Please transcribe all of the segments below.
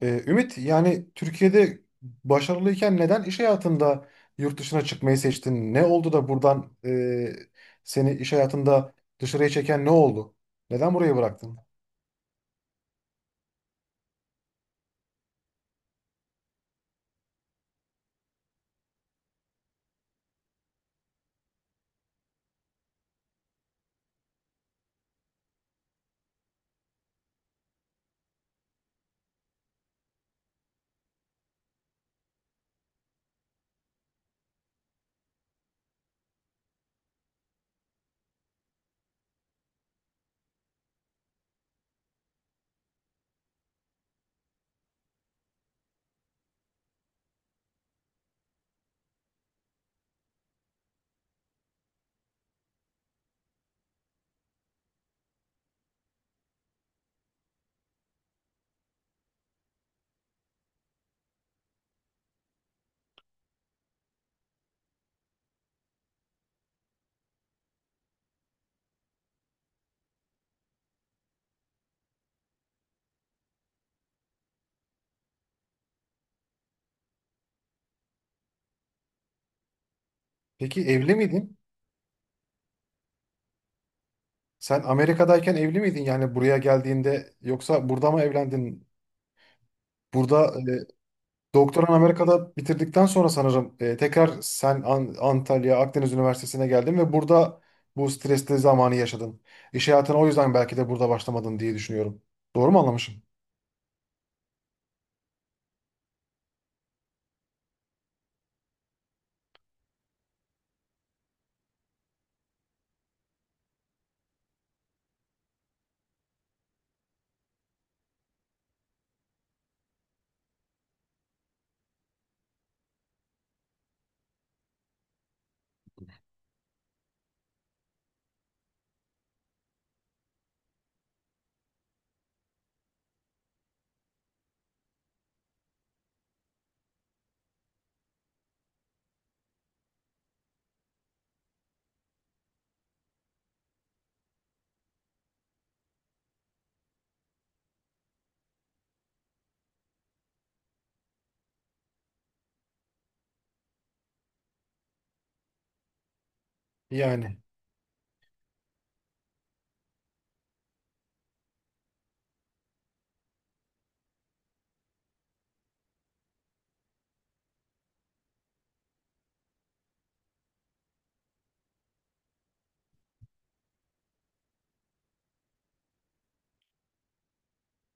Ümit, yani Türkiye'de başarılıyken neden iş hayatında yurt dışına çıkmayı seçtin? Ne oldu da buradan seni iş hayatında dışarıya çeken ne oldu? Neden burayı bıraktın? Peki evli miydin? Sen Amerika'dayken evli miydin, yani buraya geldiğinde yoksa burada mı evlendin? Burada e, Doktoran Amerika'da bitirdikten sonra sanırım tekrar sen Antalya Akdeniz Üniversitesi'ne geldin ve burada bu stresli zamanı yaşadın. İş hayatına o yüzden belki de burada başlamadın diye düşünüyorum. Doğru mu anlamışım? Yani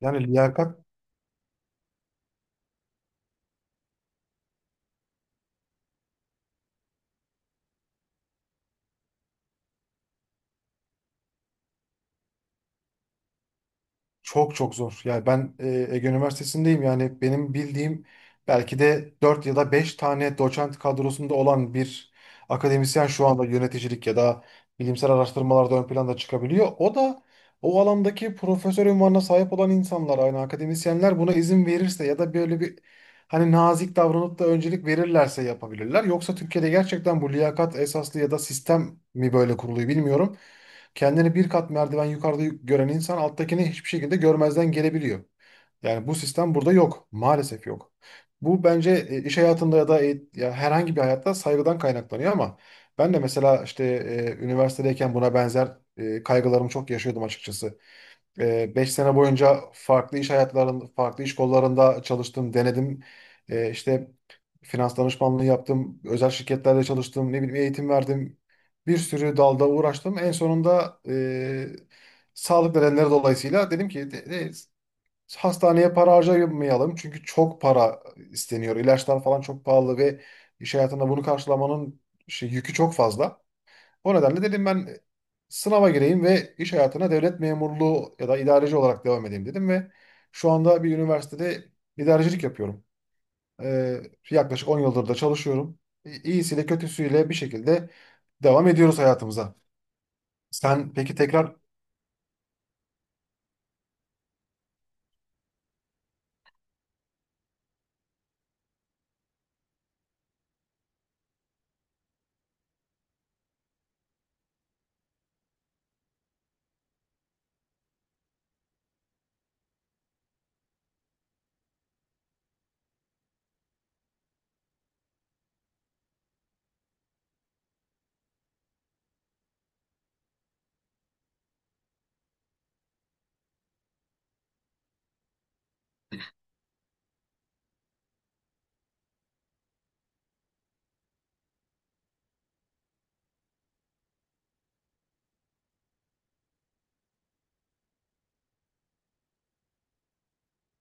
yani, liyakat. Çok çok zor. Yani ben Ege Üniversitesi'ndeyim. Yani benim bildiğim belki de 4 ya da 5 tane doçent kadrosunda olan bir akademisyen şu anda yöneticilik ya da bilimsel araştırmalarda ön planda çıkabiliyor. O da o alandaki profesör unvanına sahip olan insanlar, aynı akademisyenler buna izin verirse ya da böyle bir hani nazik davranıp da öncelik verirlerse yapabilirler. Yoksa Türkiye'de gerçekten bu liyakat esaslı ya da sistem mi böyle kuruluyor bilmiyorum. Kendini bir kat merdiven yukarıda gören insan alttakini hiçbir şekilde görmezden gelebiliyor. Yani bu sistem burada yok. Maalesef yok. Bu bence iş hayatında ya da ya herhangi bir hayatta saygıdan kaynaklanıyor, ama ben de mesela işte üniversitedeyken buna benzer kaygılarımı çok yaşıyordum açıkçası. 5 sene boyunca farklı iş hayatlarında, farklı iş kollarında çalıştım, denedim. E, işte finans danışmanlığı yaptım, özel şirketlerde çalıştım, ne bileyim eğitim verdim. Bir sürü dalda uğraştım. En sonunda sağlık nedenleri dolayısıyla dedim ki hastaneye para harcamayalım. Çünkü çok para isteniyor. İlaçlar falan çok pahalı ve iş hayatında bunu karşılamanın şey, yükü çok fazla. O nedenle dedim ben sınava gireyim ve iş hayatına devlet memurluğu ya da idareci olarak devam edeyim dedim ve şu anda bir üniversitede idarecilik yapıyorum. Ee, yaklaşık 10 yıldır da çalışıyorum. İyisiyle kötüsüyle bir şekilde devam ediyoruz hayatımıza. Sen peki tekrar.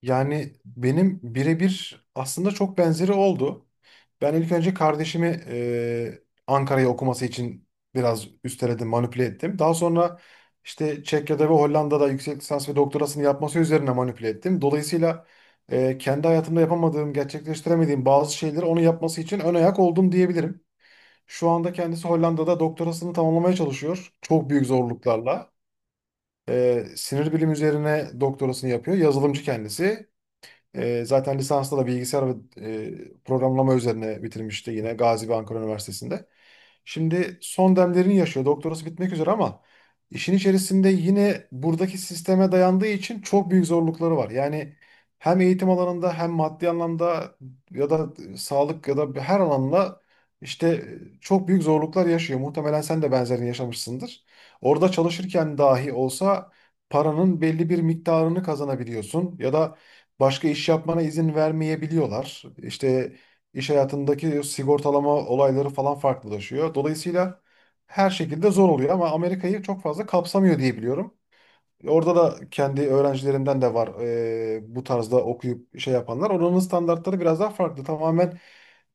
Yani benim birebir aslında çok benzeri oldu. Ben ilk önce kardeşimi Ankara'ya okuması için biraz üsteledim, manipüle ettim. Daha sonra işte Çekya'da ve Hollanda'da yüksek lisans ve doktorasını yapması üzerine manipüle ettim. Dolayısıyla kendi hayatımda yapamadığım, gerçekleştiremediğim bazı şeyleri onun yapması için ön ayak oldum diyebilirim. Şu anda kendisi Hollanda'da doktorasını tamamlamaya çalışıyor. Çok büyük zorluklarla. Sinir bilim üzerine doktorasını yapıyor. Yazılımcı kendisi. Zaten lisansta da bilgisayar ve programlama üzerine bitirmişti yine Gazi ve Ankara Üniversitesi'nde. Şimdi son demlerini yaşıyor. Doktorası bitmek üzere, ama işin içerisinde yine buradaki sisteme dayandığı için çok büyük zorlukları var. Yani hem eğitim alanında hem maddi anlamda ya da sağlık ya da her alanla işte çok büyük zorluklar yaşıyor. Muhtemelen sen de benzerini yaşamışsındır. Orada çalışırken dahi olsa paranın belli bir miktarını kazanabiliyorsun ya da başka iş yapmana izin vermeyebiliyorlar. İşte iş hayatındaki sigortalama olayları falan farklılaşıyor. Dolayısıyla her şekilde zor oluyor, ama Amerika'yı çok fazla kapsamıyor diye biliyorum. Orada da kendi öğrencilerimden de var bu tarzda okuyup şey yapanlar. Oranın standartları biraz daha farklı. Tamamen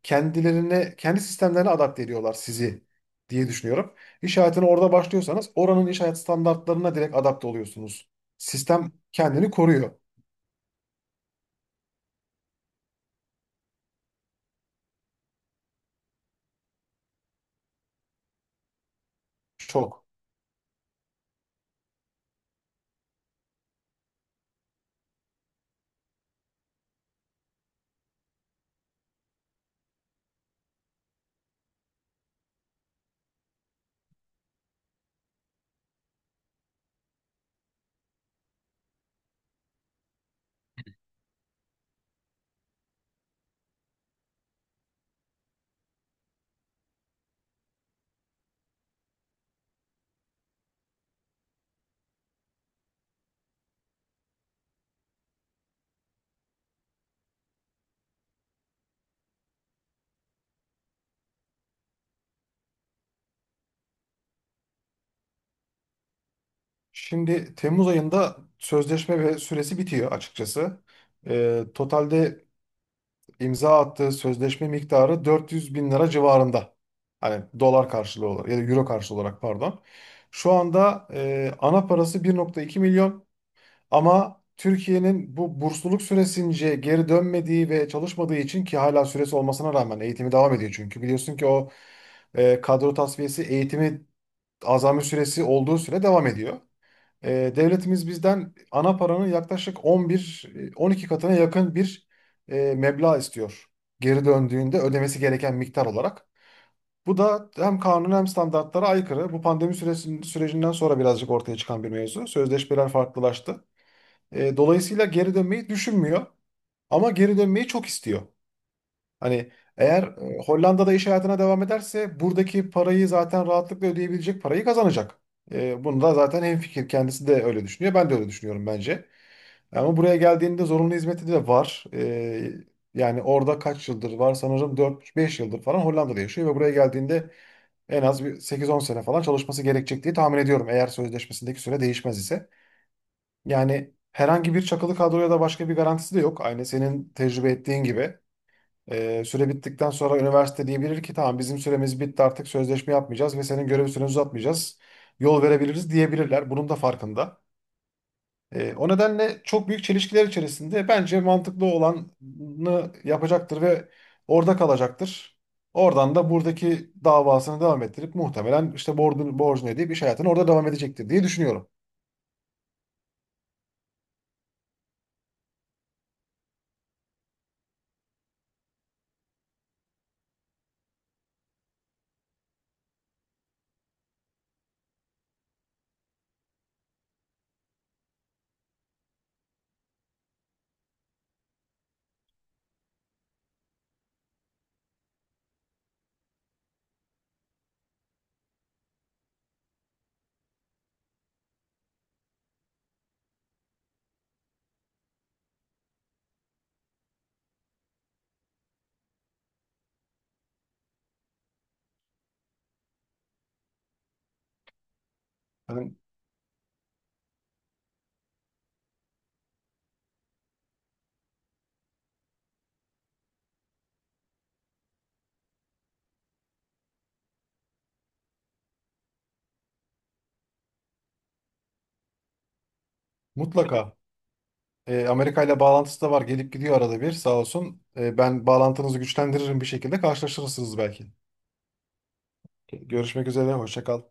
kendilerine, kendi sistemlerine adapte ediyorlar sizi diye düşünüyorum. İş hayatına orada başlıyorsanız oranın iş hayat standartlarına direkt adapte oluyorsunuz. Sistem kendini koruyor çok. Şimdi Temmuz ayında sözleşme ve süresi bitiyor açıkçası. Totalde imza attığı sözleşme miktarı 400 bin lira civarında. Hani dolar karşılığı olarak ya da euro karşılığı olarak pardon. Şu anda ana parası 1,2 milyon, ama Türkiye'nin bu bursluluk süresince geri dönmediği ve çalışmadığı için, ki hala süresi olmasına rağmen eğitimi devam ediyor çünkü biliyorsun ki o kadro tasfiyesi eğitimi azami süresi olduğu süre devam ediyor. Devletimiz bizden ana paranın yaklaşık 11, 12 katına yakın bir meblağ istiyor. Geri döndüğünde ödemesi gereken miktar olarak. Bu da hem kanun hem standartlara aykırı. Bu pandemi sürecinden sonra birazcık ortaya çıkan bir mevzu. Sözleşmeler farklılaştı. Dolayısıyla geri dönmeyi düşünmüyor, ama geri dönmeyi çok istiyor. Hani eğer Hollanda'da iş hayatına devam ederse buradaki parayı zaten rahatlıkla ödeyebilecek parayı kazanacak. Bunu da zaten hemfikir kendisi de öyle düşünüyor. Ben de öyle düşünüyorum bence. Ama buraya geldiğinde zorunlu hizmeti de var. Yani orada kaç yıldır var sanırım 4-5 yıldır falan Hollanda'da yaşıyor ve buraya geldiğinde en az bir 8-10 sene falan çalışması gerekecek diye tahmin ediyorum, eğer sözleşmesindeki süre değişmez ise. Yani herhangi bir çakılı kadroya da başka bir garantisi de yok. Aynı senin tecrübe ettiğin gibi. Süre bittikten sonra üniversite diyebilir ki tamam bizim süremiz bitti, artık sözleşme yapmayacağız ve senin görev süreni uzatmayacağız. Yol verebiliriz diyebilirler. Bunun da farkında. O nedenle çok büyük çelişkiler içerisinde bence mantıklı olanı yapacaktır ve orada kalacaktır. Oradan da buradaki davasını devam ettirip muhtemelen işte borcunu ödeyip iş hayatına orada devam edecektir diye düşünüyorum. Yani mutlaka. Amerika ile bağlantısı da var. Gelip gidiyor arada bir, sağ olsun. Ben bağlantınızı güçlendiririm bir şekilde. Karşılaşırsınız belki. Görüşmek üzere. Hoşça kal.